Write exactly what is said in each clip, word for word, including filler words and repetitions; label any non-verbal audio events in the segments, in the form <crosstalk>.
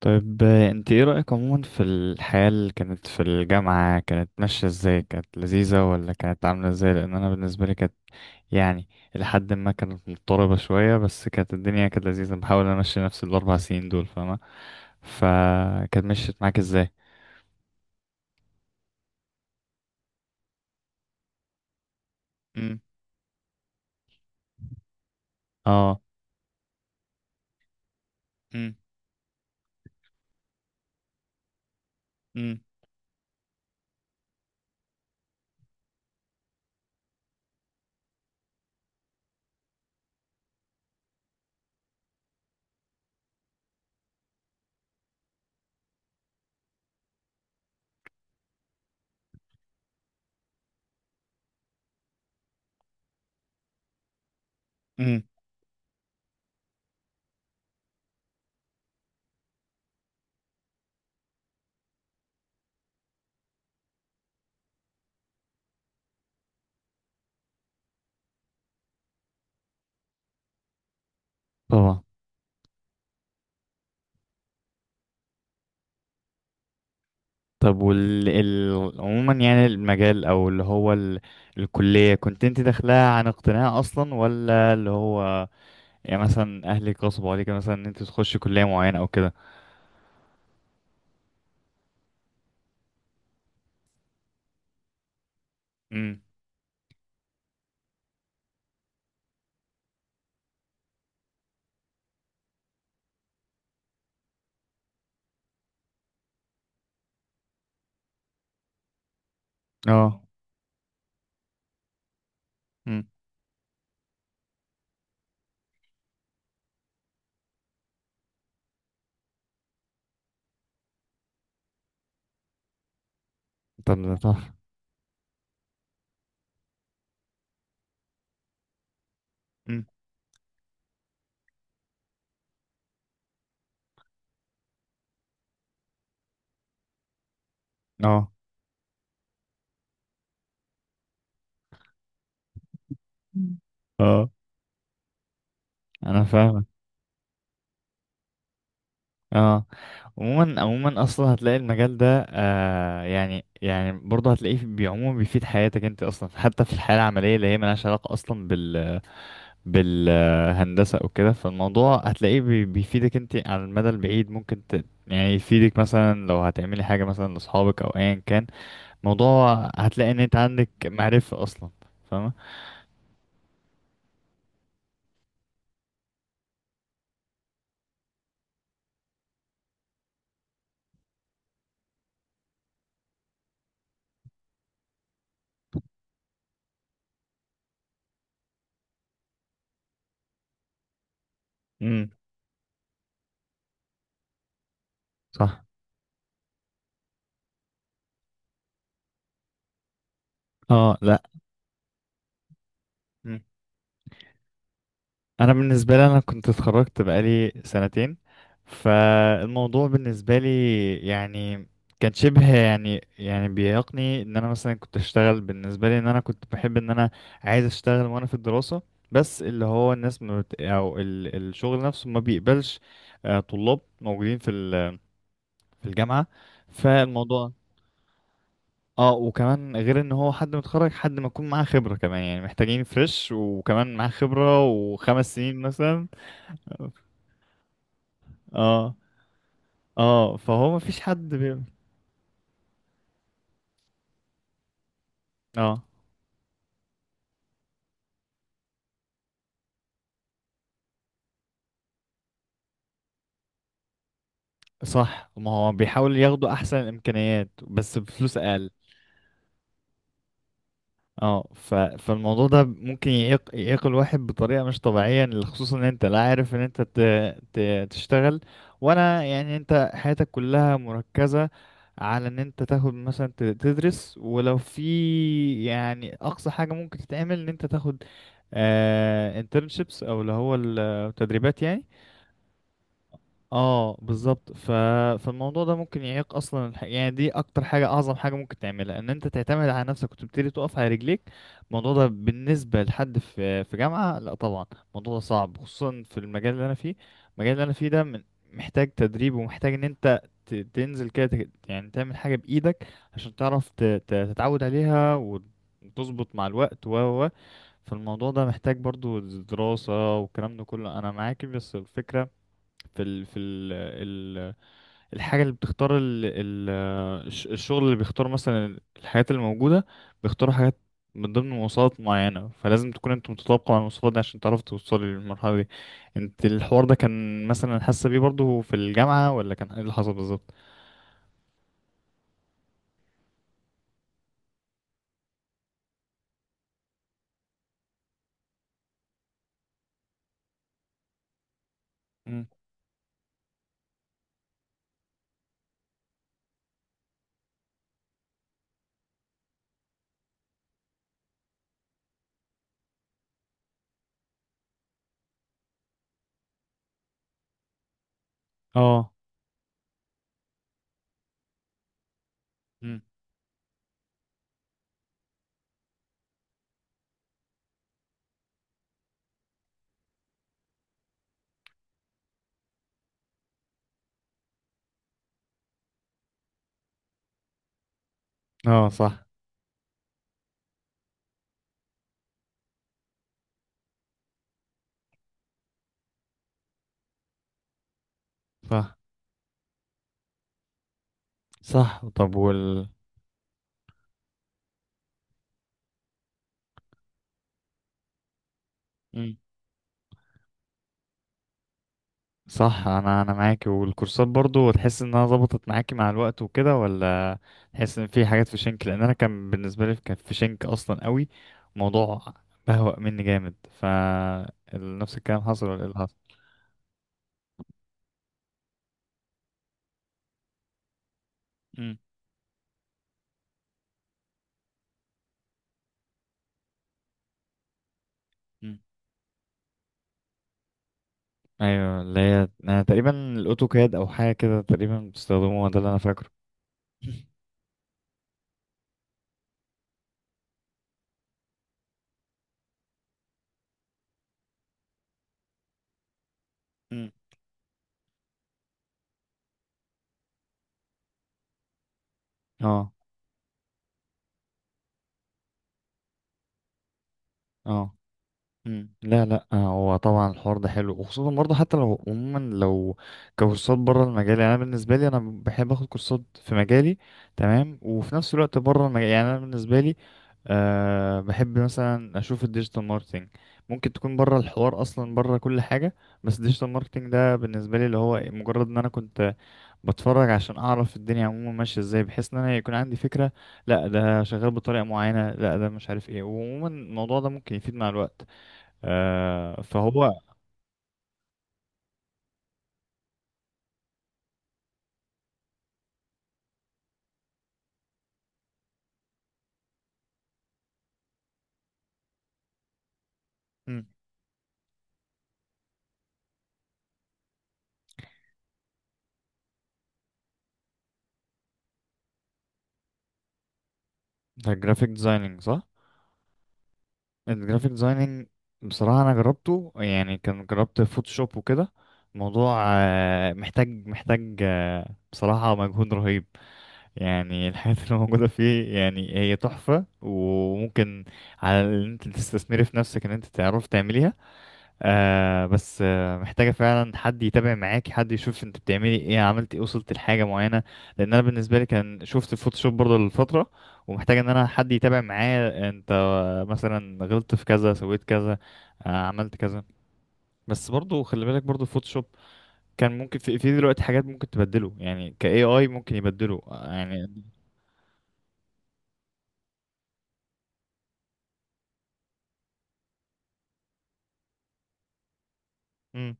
طيب آه، انت ايه رأيك عموما في الحياة اللي كانت في الجامعة، كانت ماشية ازاي؟ كانت لذيذة ولا كانت عاملة ازاي؟ لان انا بالنسبة لي كانت يعني لحد ما كانت مضطربة شوية، بس كانت الدنيا كانت لذيذة. بحاول امشي نفس الاربع سنين دول، فاهمة؟ فكانت مشيت معاك ازاي؟ امم. اه. امم. امم. امم. طبعا. طب وال ال... عموما يعني المجال او اللي هو ال... الكلية، كنت انت داخلها عن اقتناع اصلا، ولا اللي هو يعني مثلا اهلك غصبوا عليك مثلا ان انت تخشي كلية معينة او كده؟ امم. اه. امم. طب ده تحفة. امم. اه. مم. اه، انا فاهمك. اه، عموما عموما اصلا هتلاقي المجال ده آه يعني يعني برضه هتلاقيه في- عموما بيفيد حياتك انت اصلا، حتى في الحياه العمليه اللي هي ملهاش علاقه اصلا بال بالهندسه او كده. فالموضوع هتلاقيه بي- بيفيدك انت على المدى البعيد. ممكن ت... يعني يفيدك مثلا لو هتعملي حاجه مثلا لاصحابك او ايا كان موضوع، هتلاقي ان انت عندك معرفة اصلا. فاهمة؟ امم. صح. اه لا. امم. انا بالنسبة لي، انا كنت اتخرجت بقالي سنتين. فالموضوع بالنسبة لي يعني كان شبه يعني يعني بيعيقني ان انا مثلا كنت اشتغل. بالنسبة لي ان انا كنت بحب ان انا عايز اشتغل وانا في الدراسة، بس اللي هو الناس ما بت... او ال... الشغل نفسه ما بيقبلش آه، طلاب موجودين في ال... في الجامعة. فالموضوع اه. وكمان غير ان هو حد متخرج، حد ما يكون معاه خبرة كمان، يعني محتاجين فريش وكمان معاه خبرة وخمس سنين مثلا. اه. اه، فهو ما فيش حد بي... اه. صح، ما هو بيحاول ياخدوا احسن الامكانيات بس بفلوس اقل. اه، ف... فالموضوع ده ممكن يعيق يعيق الواحد بطريقة مش طبيعية، خصوصا ان انت لا عارف ان انت ت... ت... تشتغل ولا يعني انت حياتك كلها مركزة على ان انت تاخد مثلا ت- تدرس. ولو في يعني اقصى حاجة ممكن تتعمل، ان انت تاخد آه internships او اللي هو التدريبات يعني. اه بالظبط. ف... فالموضوع ده ممكن يعيق اصلا الح... يعني دي اكتر حاجه، اعظم حاجه ممكن تعملها ان انت تعتمد على نفسك وتبتدي تقف على رجليك. الموضوع ده بالنسبه لحد في في جامعه، لا طبعا الموضوع ده صعب، خصوصا في المجال اللي انا فيه. المجال اللي انا فيه ده من... محتاج تدريب، ومحتاج ان انت ت... تنزل كده ت... يعني تعمل حاجه بايدك عشان تعرف ت... ت... تتعود عليها و... وتظبط مع الوقت و و و. فالموضوع ده محتاج برضو دراسه، والكلام ده كله انا معاك. بس الفكره في ال في ال ال الحاجة اللي بتختار ال ال الش- الشغل اللي بيختار مثلا الحاجات اللي موجودة، بيختاروا حاجات من ضمن مواصفات معينة، فلازم تكون انت متطابق مع المواصفات دي عشان تعرف توصلي للمرحلة دي. انت الحوار ده كان مثلا حاسة بيه برضه في الجامعة، ولا كان ايه اللي حصل بالظبط؟ مم. اه. مم. اه. صح. صح. صح. طب وال. مم. صح، انا انا معاكي. والكورسات برضو تحس انها ظبطت معاكي مع الوقت وكده، ولا تحس ان في حاجات في شنك؟ لان انا كان بالنسبه لي كان في شنك اصلا قوي. موضوع بهوأ مني جامد. ف ال- نفس الكلام حصل، ولا ايه اللي حصل؟ مم. مم. ايوه، اللي هي أنا تقريبا الاوتوكاد او حاجه كده تقريبا بتستخدموها، ده اللي انا فاكره. <laughs> مم. اه. اه. مم. لا لا، آه، هو طبعا الحوار ده حلو، وخصوصا برضه حتى لو عموما لو كورسات بره المجال. يعني انا بالنسبه لي انا بحب اخد كورسات في مجالي تمام، وفي نفس الوقت بره المجال. يعني انا بالنسبه لي أه بحب مثلا اشوف الديجيتال ماركتنج، ممكن تكون بره الحوار اصلا، بره كل حاجه. بس الديجيتال ماركتنج ده بالنسبه لي اللي هو مجرد ان انا كنت بتفرج عشان اعرف الدنيا عموما ماشيه ازاي، بحيث ان انا يكون عندي فكره. لا ده شغال بطريقه معينه، لا ده مش عارف ايه، وعموما الموضوع ده ممكن يفيد مع الوقت. آه فهو مم. ده جرافيك ديزايننج، صح؟ الجرافيك ديزايننج بصراحة انا جربته، يعني كان جربت فوتوشوب وكده. الموضوع آه، محتاج محتاج آه، بصراحة مجهود رهيب يعني. <laughs> الحاجات اللي موجودة فيه يعني هي تحفة، وممكن على ان انت تستثمري في نفسك ان انت تعرف تعمليها. آه بس آه محتاجة فعلا حد يتابع معاك، حد يشوف انت بتعملي ايه، عملت ايه، وصلت لحاجة معينة. لان انا بالنسبة لي كان شفت الفوتوشوب برضه لفترة، ومحتاج ان انا حد يتابع معايا انت آه، مثلا غلطت في كذا، سويت كذا، آه عملت كذا. بس برضه خلي بالك برضه الفوتوشوب كان ممكن في, في دلوقتي حاجات ممكن تبدله، يعني ك آي آي ممكن يبدله آه، يعني. مم.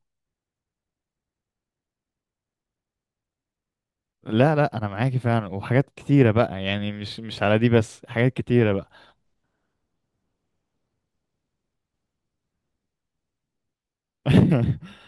لا لا، انا معاكي فعلا. وحاجات كتيرة بقى، يعني مش مش على دي بس، حاجات كتيرة بقى. <laughs>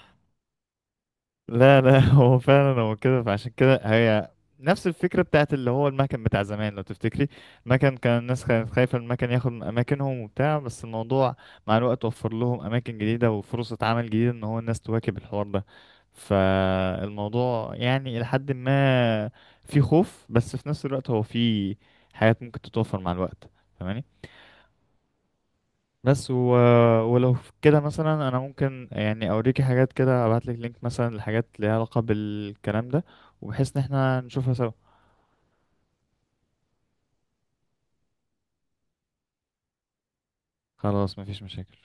لا لا، <laughs> هو فعلا هو كده. فعشان كده هي نفس الفكرة بتاعت اللي هو المكن بتاع زمان، لو تفتكري. المكن كان الناس كانت خايفة المكن ياخد من أماكنهم وبتاع، بس الموضوع مع الوقت وفر لهم أماكن جديدة وفرصة عمل جديدة إن هو الناس تواكب الحوار ده. فالموضوع يعني إلى حد ما في خوف، بس في نفس الوقت هو في حاجات ممكن تتوفر مع الوقت. فاهماني؟ بس و... ولو في كده مثلا انا ممكن يعني اوريكي حاجات كده، ابعتلك لينك مثلا لحاجات ليها علاقة بالكلام ده، وبحيث ان احنا نشوفها سوا. خلاص مفيش مشاكل.